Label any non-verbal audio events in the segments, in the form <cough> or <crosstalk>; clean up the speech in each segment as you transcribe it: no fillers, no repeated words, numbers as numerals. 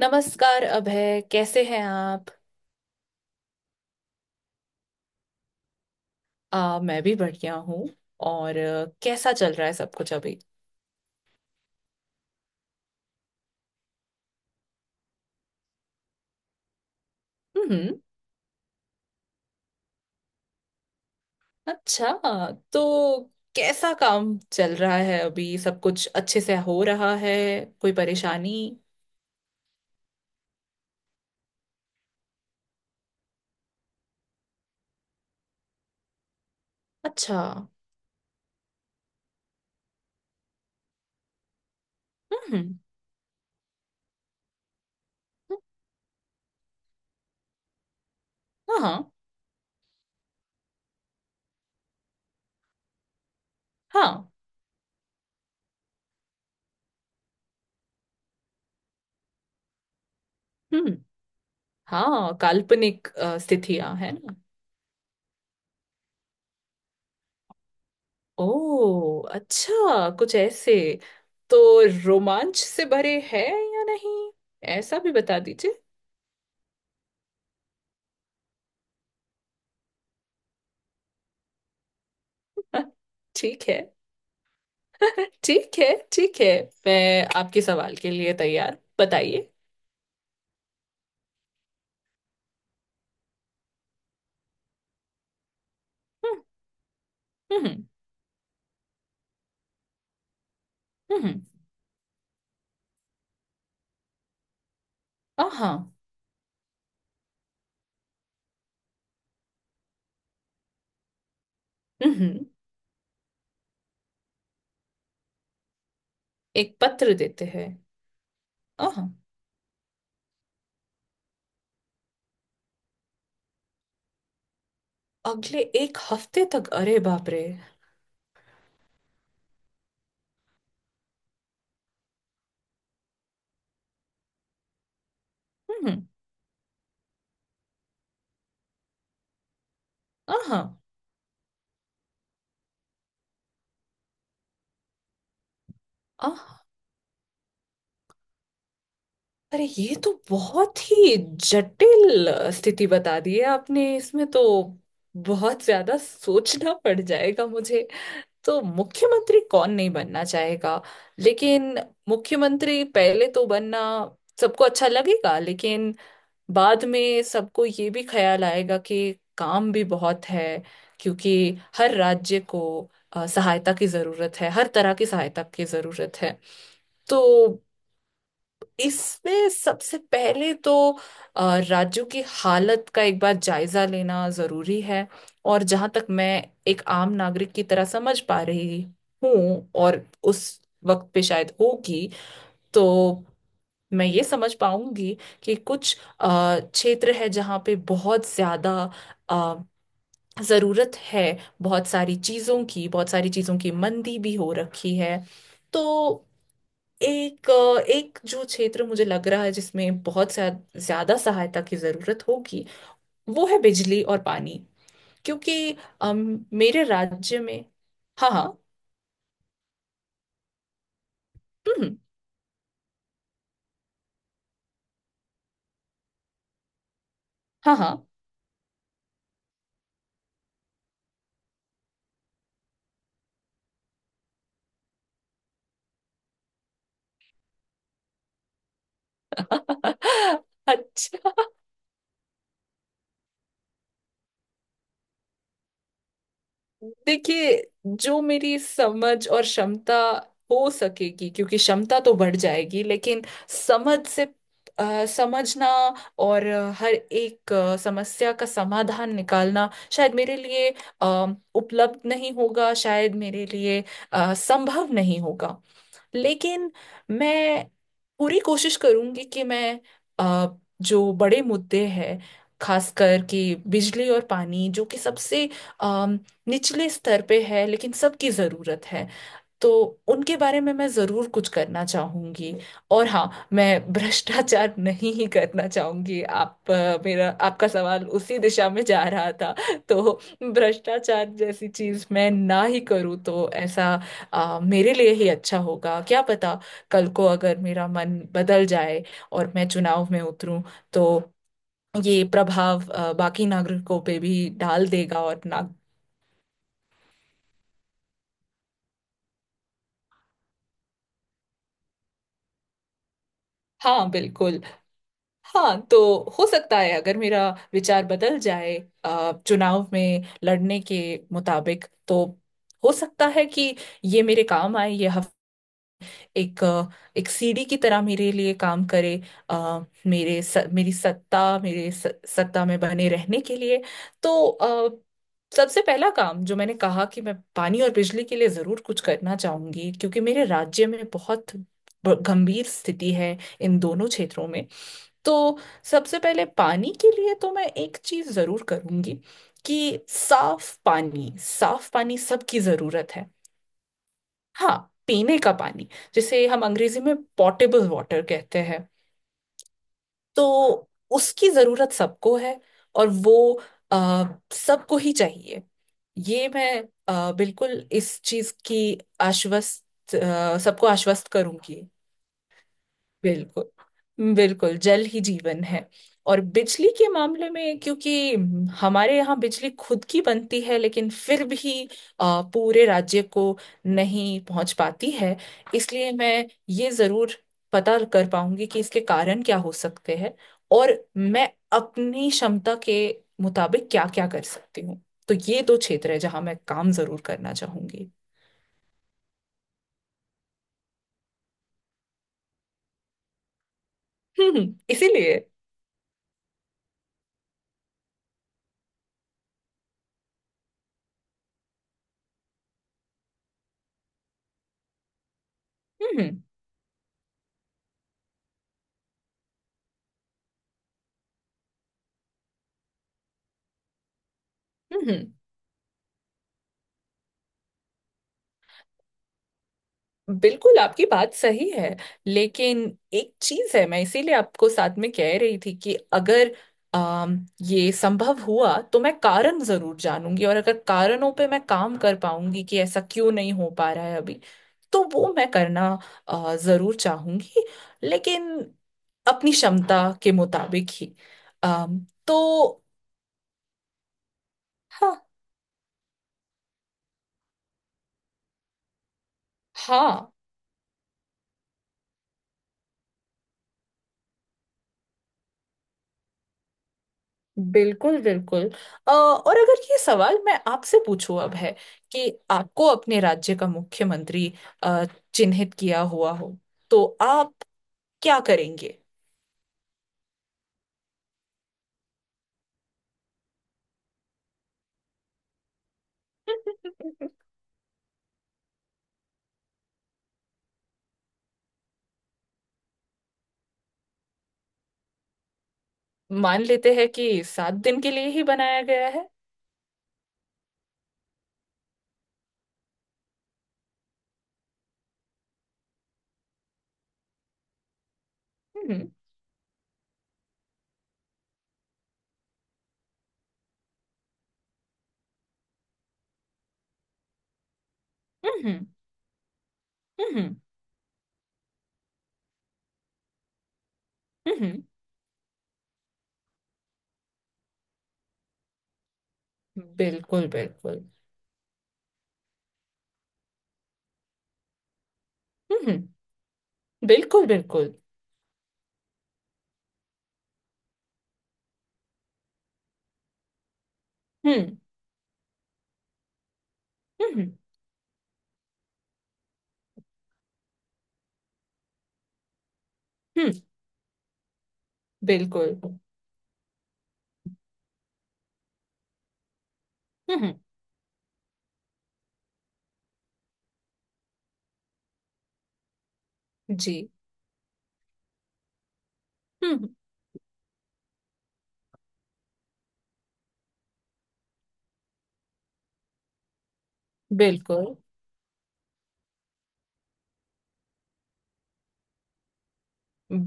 नमस्कार अभय, कैसे हैं आप? मैं भी बढ़िया हूँ। और कैसा चल रहा है सब कुछ अभी? हम्म। अच्छा। तो कैसा काम चल रहा है अभी? सब कुछ अच्छे से हो रहा है? कोई परेशानी? अच्छा। हम्म। हाँ, हाँ। हाँ। हम्म। हाँ, काल्पनिक स्थितियां है ना। ओ अच्छा, कुछ ऐसे। तो रोमांच से भरे है या नहीं, ऐसा भी बता दीजिए। <laughs> ठीक है। ठीक है। ठीक है। मैं आपके सवाल के लिए तैयार, बताइए। हम्म। हम्म। हम्म। आहा। हम्म। एक पत्र देते हैं। आहा। अगले एक हफ्ते तक? अरे बाप रे। हम्म। आहा। आहा, अरे ये तो बहुत ही जटिल स्थिति बता दी है आपने, इसमें तो बहुत ज्यादा सोचना पड़ जाएगा मुझे। तो मुख्यमंत्री कौन नहीं बनना चाहेगा, लेकिन मुख्यमंत्री पहले तो बनना सबको अच्छा लगेगा, लेकिन बाद में सबको ये भी ख्याल आएगा कि काम भी बहुत है, क्योंकि हर राज्य को सहायता की जरूरत है, हर तरह की सहायता की जरूरत है। तो इसमें सबसे पहले तो राज्यों की हालत का एक बार जायजा लेना जरूरी है। और जहां तक मैं एक आम नागरिक की तरह समझ पा रही हूँ, और उस वक्त पे शायद होगी, तो मैं ये समझ पाऊंगी कि कुछ क्षेत्र है जहाँ पे बहुत ज्यादा अ, जरूरत है। बहुत सारी चीजों की, बहुत सारी चीजों की मंदी भी हो रखी है। तो एक जो क्षेत्र मुझे लग रहा है जिसमें बहुत सा ज्यादा सहायता की जरूरत होगी, वो है बिजली और पानी। क्योंकि मेरे राज्य में। हाँ, हाँ। हम्म। हाँ, हाँ। <laughs> अच्छा। देखिए, जो मेरी समझ और क्षमता हो सकेगी, क्योंकि क्षमता तो बढ़ जाएगी, लेकिन समझ से समझना और हर एक समस्या का समाधान निकालना शायद मेरे लिए अ, उपलब्ध नहीं होगा, शायद मेरे लिए संभव नहीं होगा। लेकिन मैं पूरी कोशिश करूंगी कि मैं अ, जो बड़े मुद्दे हैं, खासकर कि बिजली और पानी जो कि सबसे निचले स्तर पे है लेकिन सबकी जरूरत है, तो उनके बारे में मैं जरूर कुछ करना चाहूंगी। और हाँ, मैं भ्रष्टाचार <laughs> नहीं ही करना चाहूंगी, आप मेरा आपका सवाल उसी दिशा में जा रहा था। <laughs> तो भ्रष्टाचार जैसी चीज मैं ना ही करूँ तो ऐसा मेरे लिए ही अच्छा होगा, क्या पता, कल को अगर मेरा मन बदल जाए और मैं चुनाव में उतरूं, तो ये प्रभाव बाकी नागरिकों पे भी डाल देगा, और ना। हाँ बिल्कुल। हाँ, तो हो सकता है अगर मेरा विचार बदल जाए, चुनाव में लड़ने के मुताबिक, तो हो सकता है कि ये मेरे काम आए, ये हफ एक अ, एक सीढ़ी की तरह मेरे लिए काम करे, अ, मेरी सत्ता सत्ता में बने रहने के लिए। तो सबसे पहला काम जो मैंने कहा कि मैं पानी और बिजली के लिए जरूर कुछ करना चाहूंगी, क्योंकि मेरे राज्य में बहुत गंभीर स्थिति है इन दोनों क्षेत्रों में। तो सबसे पहले पानी के लिए तो मैं एक चीज जरूर करूंगी, कि साफ पानी, साफ पानी सबकी जरूरत है। हाँ, पीने का पानी जिसे हम अंग्रेजी में पॉटेबल वाटर कहते हैं। तो उसकी जरूरत सबको है, और वो आ, सबको ही चाहिए। ये मैं बिल्कुल इस चीज की आश्वस्त, सबको आश्वस्त करूंगी। बिल्कुल बिल्कुल, जल ही जीवन है। और बिजली के मामले में, क्योंकि हमारे यहाँ बिजली खुद की बनती है लेकिन फिर भी पूरे राज्य को नहीं पहुंच पाती है। इसलिए मैं ये जरूर पता कर पाऊंगी कि इसके कारण क्या हो सकते हैं। और मैं अपनी क्षमता के मुताबिक क्या क्या कर सकती हूँ। तो ये दो क्षेत्र है जहाँ मैं काम जरूर करना चाहूंगी। हम्म। इसीलिए। हम्म। हम्म। हम्म। बिल्कुल, आपकी बात सही है। लेकिन एक चीज है, मैं इसीलिए आपको साथ में कह रही थी कि अगर अम ये संभव हुआ, तो मैं कारण जरूर जानूंगी, और अगर कारणों पे मैं काम कर पाऊंगी कि ऐसा क्यों नहीं हो पा रहा है अभी, तो वो मैं करना जरूर चाहूंगी, लेकिन अपनी क्षमता के मुताबिक ही। अम तो हाँ, हाँ। बिल्कुल बिल्कुल। और अगर ये सवाल मैं आपसे पूछूं अब है, कि आपको अपने राज्य का मुख्यमंत्री अ, चिन्हित किया हुआ हो, तो आप क्या करेंगे? <laughs> मान लेते हैं कि 7 दिन के लिए ही बनाया गया है। हम्म। हम्म। हम्म। हम्म। हम्म। बिल्कुल बिल्कुल। हम्म। बिल्कुल बिल्कुल। हम्म। हम्म। हम्म। बिल्कुल। हम्म। जी। हम्म। बिल्कुल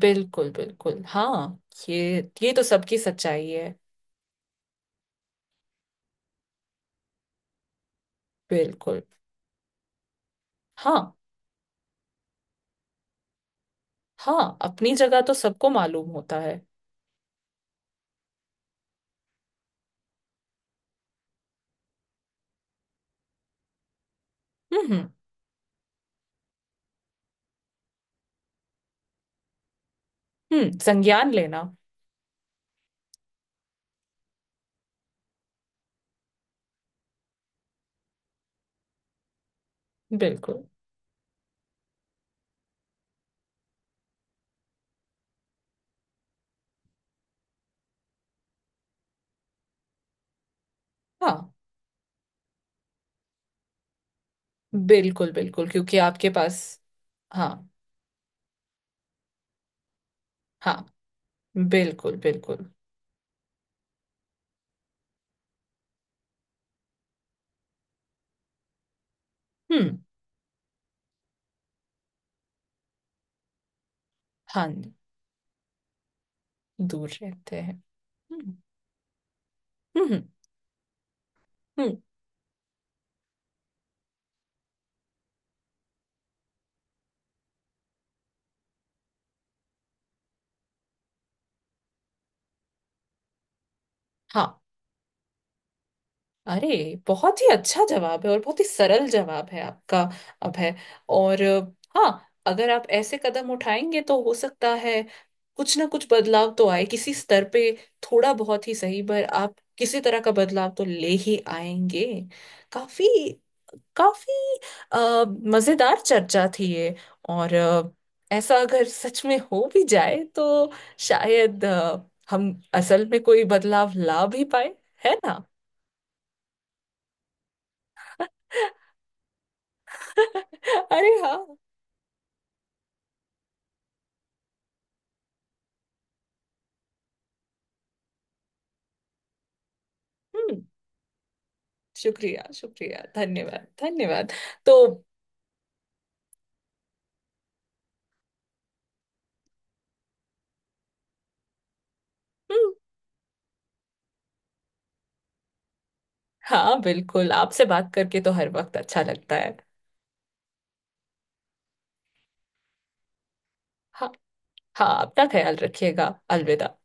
बिल्कुल। बिल्कुल हाँ, ये ये तो सबकी सच्चाई है। बिल्कुल। हाँ हाँ, अपनी जगह तो सबको मालूम होता है। हम्म। हम्म। संज्ञान लेना। बिल्कुल, हाँ बिल्कुल बिल्कुल, क्योंकि आपके पास। हाँ, हाँ। बिल्कुल बिल्कुल। हम्म। हाँ, दूर रहते हैं। हम्म। हम्म। हम्म। हाँ। अरे, बहुत ही अच्छा जवाब है, और बहुत ही सरल जवाब है आपका। अब है। और हाँ, अगर आप ऐसे कदम उठाएंगे तो हो सकता है कुछ ना कुछ बदलाव तो आए किसी स्तर पे, थोड़ा बहुत ही सही, पर आप किसी तरह का बदलाव तो ले ही आएंगे। काफी, काफी अ, मजेदार चर्चा थी ये। और ऐसा अगर सच में हो भी जाए तो शायद हम असल में कोई बदलाव ला भी पाए, है ना? <laughs> अरे हाँ। हम्म। शुक्रिया शुक्रिया, धन्यवाद धन्यवाद। तो। हम्म। हाँ बिल्कुल, आपसे बात करके तो हर वक्त अच्छा लगता है। हाँ। हाँ, अपना ख्याल रखिएगा, अलविदा।